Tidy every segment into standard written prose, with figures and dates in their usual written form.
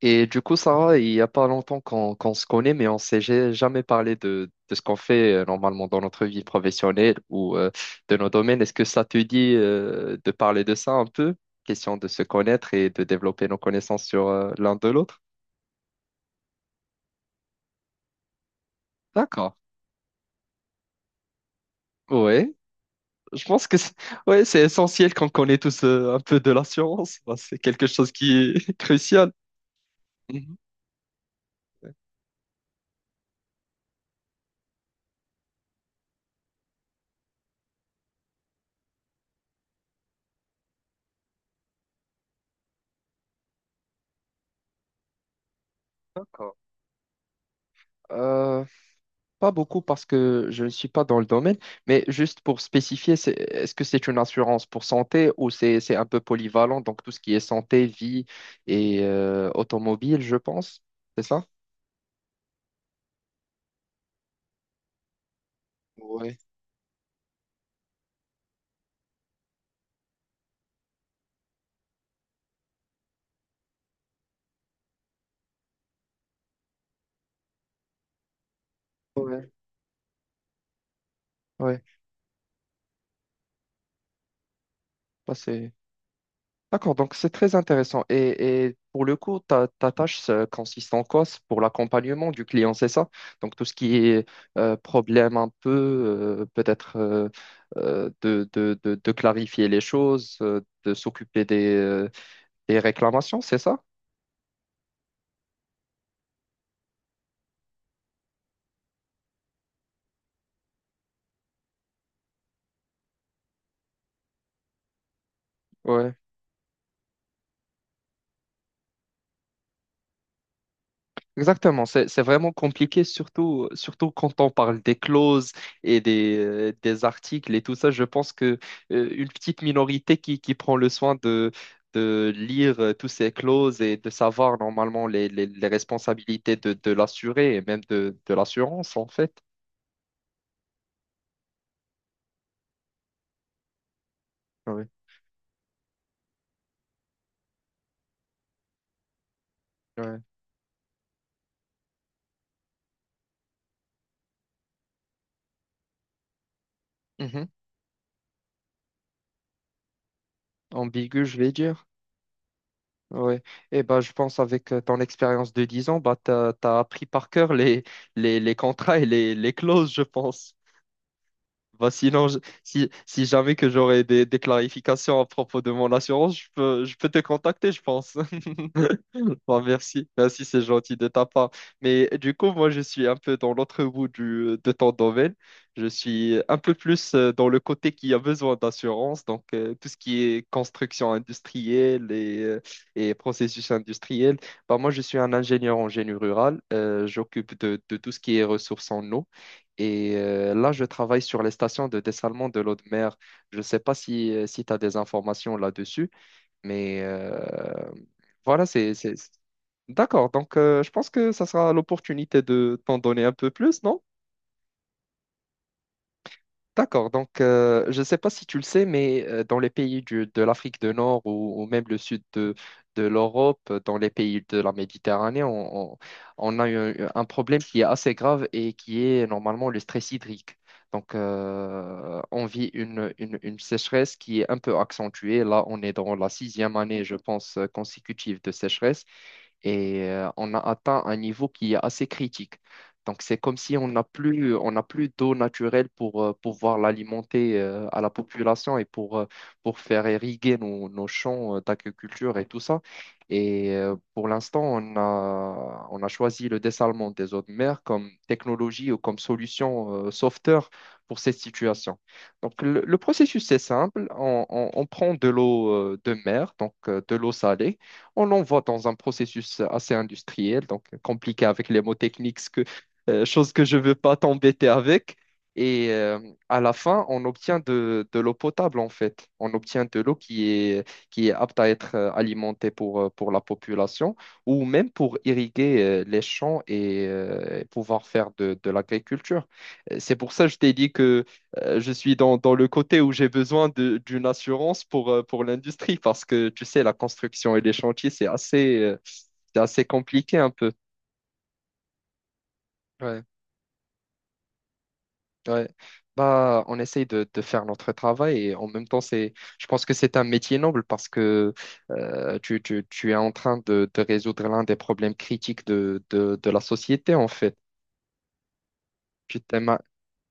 Et du coup, Sarah, il n'y a pas longtemps qu'on se connaît, mais on s'est jamais parlé de ce qu'on fait normalement dans notre vie professionnelle ou de nos domaines. Est-ce que ça te dit de parler de ça un peu? Question de se connaître et de développer nos connaissances sur l'un de l'autre. D'accord. Oui, je pense que c'est ouais, c'est essentiel qu'on connaît tous un peu de l'assurance. Bah, c'est quelque chose qui est crucial. Mhm. D'accord. Pas beaucoup parce que je ne suis pas dans le domaine, mais juste pour spécifier, est-ce que c'est une assurance pour santé ou c'est un peu polyvalent, donc tout ce qui est santé, vie et automobile, je pense, c'est ça? Ouais, ouais, ouais. Bah, c'est- D'accord, donc c'est très intéressant. Et pour le coup, ta tâche ça consiste en quoi? C'est pour l'accompagnement du client, c'est ça? Donc tout ce qui est problème un peu, peut-être de, de clarifier les choses, de s'occuper des réclamations, c'est ça? Ouais. Exactement, c'est vraiment compliqué, surtout quand on parle des clauses et des articles et tout ça. Je pense que une petite minorité qui prend le soin de lire toutes ces clauses et de savoir normalement les responsabilités de l'assuré et même de l'assurance, en fait. Ouais, ouais. Mhm. Ambigu, je vais dire. Ouais. Et bah, je pense avec ton expérience de 10 ans, bah, tu as appris par cœur les contrats et les clauses, je pense. Bah sinon, je- Si, si jamais que j'aurais des clarifications à propos de mon assurance, je peux te contacter, je pense. Bah, merci, merci, c'est gentil de ta part. Mais du coup, moi, je suis un peu dans l'autre bout du, de ton domaine. Je suis un peu plus dans le côté qui a besoin d'assurance, donc tout ce qui est construction industrielle et processus industriel. Bah, moi, je suis un ingénieur en génie rural. J'occupe de tout ce qui est ressources en eau. Et là, je travaille sur les stations de dessalement de l'eau de mer. Je ne sais pas si, si tu as des informations là-dessus, mais voilà, D'accord, donc je pense que ça sera l'opportunité de t'en donner un peu plus, non? D'accord, donc je ne sais pas si tu le sais, mais dans les pays de l'Afrique du Nord ou même le sud de l'Europe, dans les pays de la Méditerranée, on a eu un problème qui est assez grave et qui est normalement le stress hydrique. Donc on vit une sécheresse qui est un peu accentuée. Là, on est dans la sixième année, je pense, consécutive de sécheresse et on a atteint un niveau qui est assez critique. Donc, c'est comme si on n'a plus, on n'a plus d'eau naturelle pour pouvoir l'alimenter à la population et pour faire irriguer nos, nos champs d'agriculture et tout ça. Et pour l'instant, on a choisi le dessalement des eaux de mer comme technologie ou comme solution sauveteur pour cette situation. Donc, le processus, c'est simple. On prend de l'eau de mer, donc de l'eau salée. On l'envoie dans un processus assez industriel, donc compliqué avec les mots techniques chose que je veux pas t'embêter avec. Et à la fin, on obtient de l'eau potable, en fait. On obtient de l'eau qui est apte à être alimentée pour la population ou même pour irriguer les champs et pouvoir faire de l'agriculture. C'est pour ça que je t'ai dit que je suis dans, dans le côté où j'ai besoin d'une assurance pour l'industrie parce que, tu sais, la construction et les chantiers, c'est assez compliqué un peu. Ouais. Bah, on essaye de faire notre travail et en même temps, c'est, je pense que c'est un métier noble parce que tu es en train de résoudre l'un des problèmes critiques de la société, en fait. Tu t'es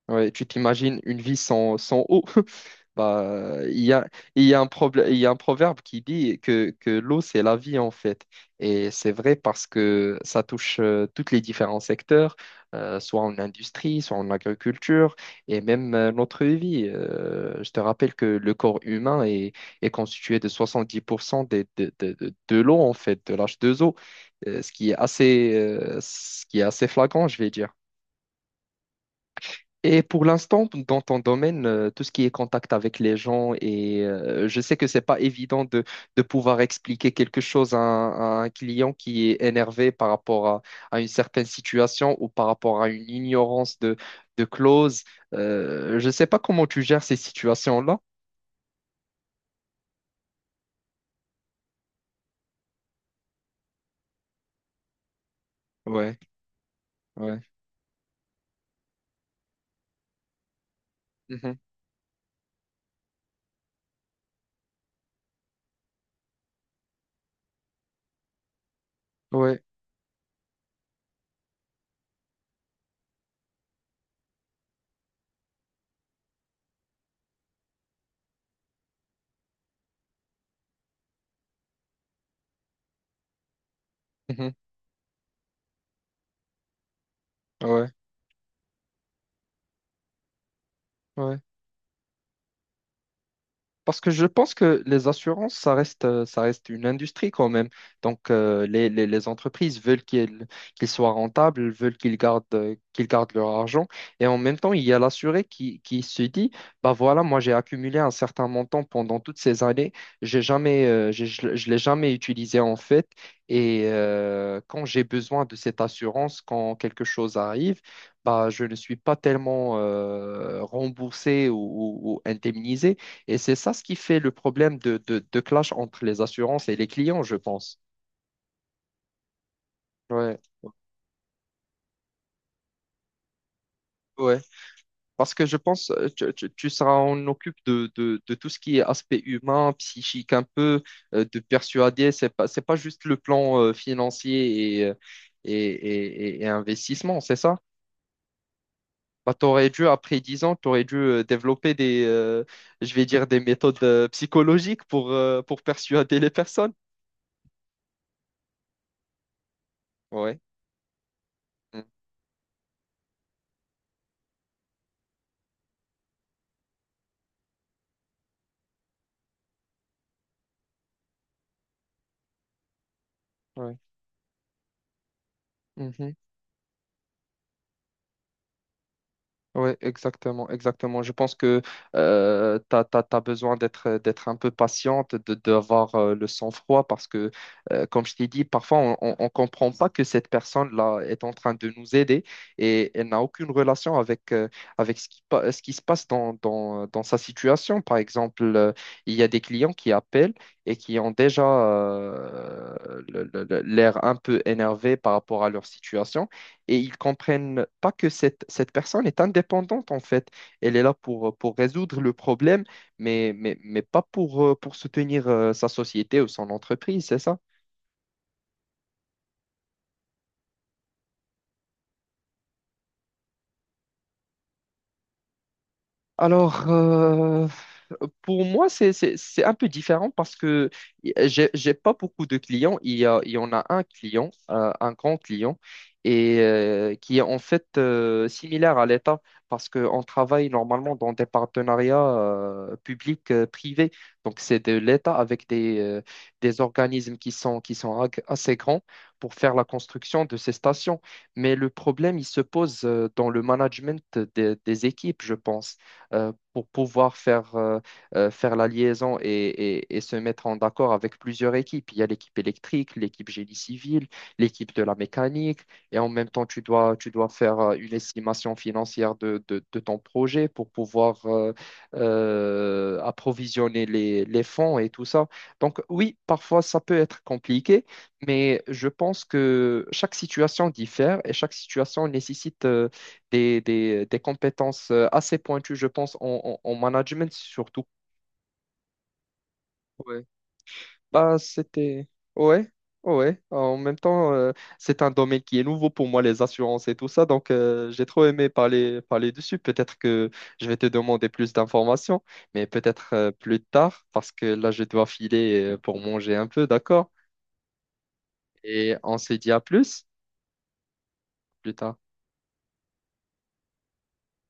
Ouais, tu t'imagines une vie sans, sans eau. Bah, il y a un problème, il y a un proverbe qui dit que l'eau, c'est la vie, en fait. Et c'est vrai parce que ça touche tous les différents secteurs, soit en industrie, soit en agriculture, et même notre vie. Je te rappelle que le corps humain est, est constitué de 70% des, de l'eau, en fait, de l'H2O, ce qui est assez, ce qui est assez flagrant, je vais dire. Et pour l'instant, dans ton domaine, tout ce qui est contact avec les gens, et je sais que c'est pas évident de pouvoir expliquer quelque chose à un client qui est énervé par rapport à une certaine situation ou par rapport à une ignorance de clause. Je sais pas comment tu gères ces situations-là. Ouais, ouais. Mhm. Ouais, mhm. Ouais, ouais. Parce que je pense que les assurances, ça reste, ça reste une industrie quand même. Donc, les entreprises veulent qu'ils soient rentables, veulent qu'ils gardent leur argent. Et en même temps, il y a l'assuré qui se dit, bah voilà, moi j'ai accumulé un certain montant pendant toutes ces années, j'ai jamais, je ne l'ai jamais utilisé en fait. Et quand j'ai besoin de cette assurance, quand quelque chose arrive, bah, je ne suis pas tellement remboursé ou, ou indemnisé. Et c'est ça ce qui fait le problème de clash entre les assurances et les clients, je pense. Ouais, ouais. Parce que je pense, tu seras, on occupe de, de tout ce qui est aspect humain, psychique un peu, de persuader. C'est pas juste le plan financier et, et investissement, c'est ça? Bah, t'aurais dû, après 10 ans, t'aurais dû développer des, je vais dire, des méthodes psychologiques pour persuader les personnes. Ouais. Mm. Ouais. Mhm. Oui, exactement, exactement. Je pense que tu as besoin d'être un peu patiente, de d'avoir le sang-froid parce que, comme je t'ai dit, parfois on comprend pas que cette personne-là est en train de nous aider et elle n'a aucune relation avec, avec ce qui, ce qui se passe dans, dans sa situation. Par exemple, il y a des clients qui appellent et qui ont déjà l'air un peu énervé par rapport à leur situation et ils comprennent pas que cette personne est indépendante en fait. Elle est là pour résoudre le problème, mais pas pour, pour soutenir sa société ou son entreprise, c'est ça? Alors, pour moi, c'est un peu différent parce que j'ai pas beaucoup de clients. Il y en a un client, un grand client, et qui est en fait similaire à l'État parce qu'on travaille normalement dans des partenariats publics-privés. Donc, c'est de l'État avec des organismes qui sont, assez grands pour faire la construction de ces stations. Mais le problème, il se pose dans le management des équipes, je pense pour pouvoir faire, faire la liaison et, et se mettre en accord avec plusieurs équipes. Il y a l'équipe électrique, l'équipe génie civil, l'équipe de la mécanique, et en même temps, tu dois faire une estimation financière de, de ton projet pour pouvoir approvisionner les fonds et tout ça. Donc oui, parfois, ça peut être compliqué, mais je pense que chaque situation diffère et chaque situation nécessite des compétences assez pointues, je pense, en, en management surtout. Ouais. Bah, c'était... Ouais, ouais. En même temps, c'est un domaine qui est nouveau pour moi, les assurances et tout ça. Donc, j'ai trop aimé parler, parler dessus. Peut-être que je vais te demander plus d'informations, mais peut-être plus tard, parce que là, je dois filer pour manger un peu, d'accord? Et on se dit à plus, plus tard.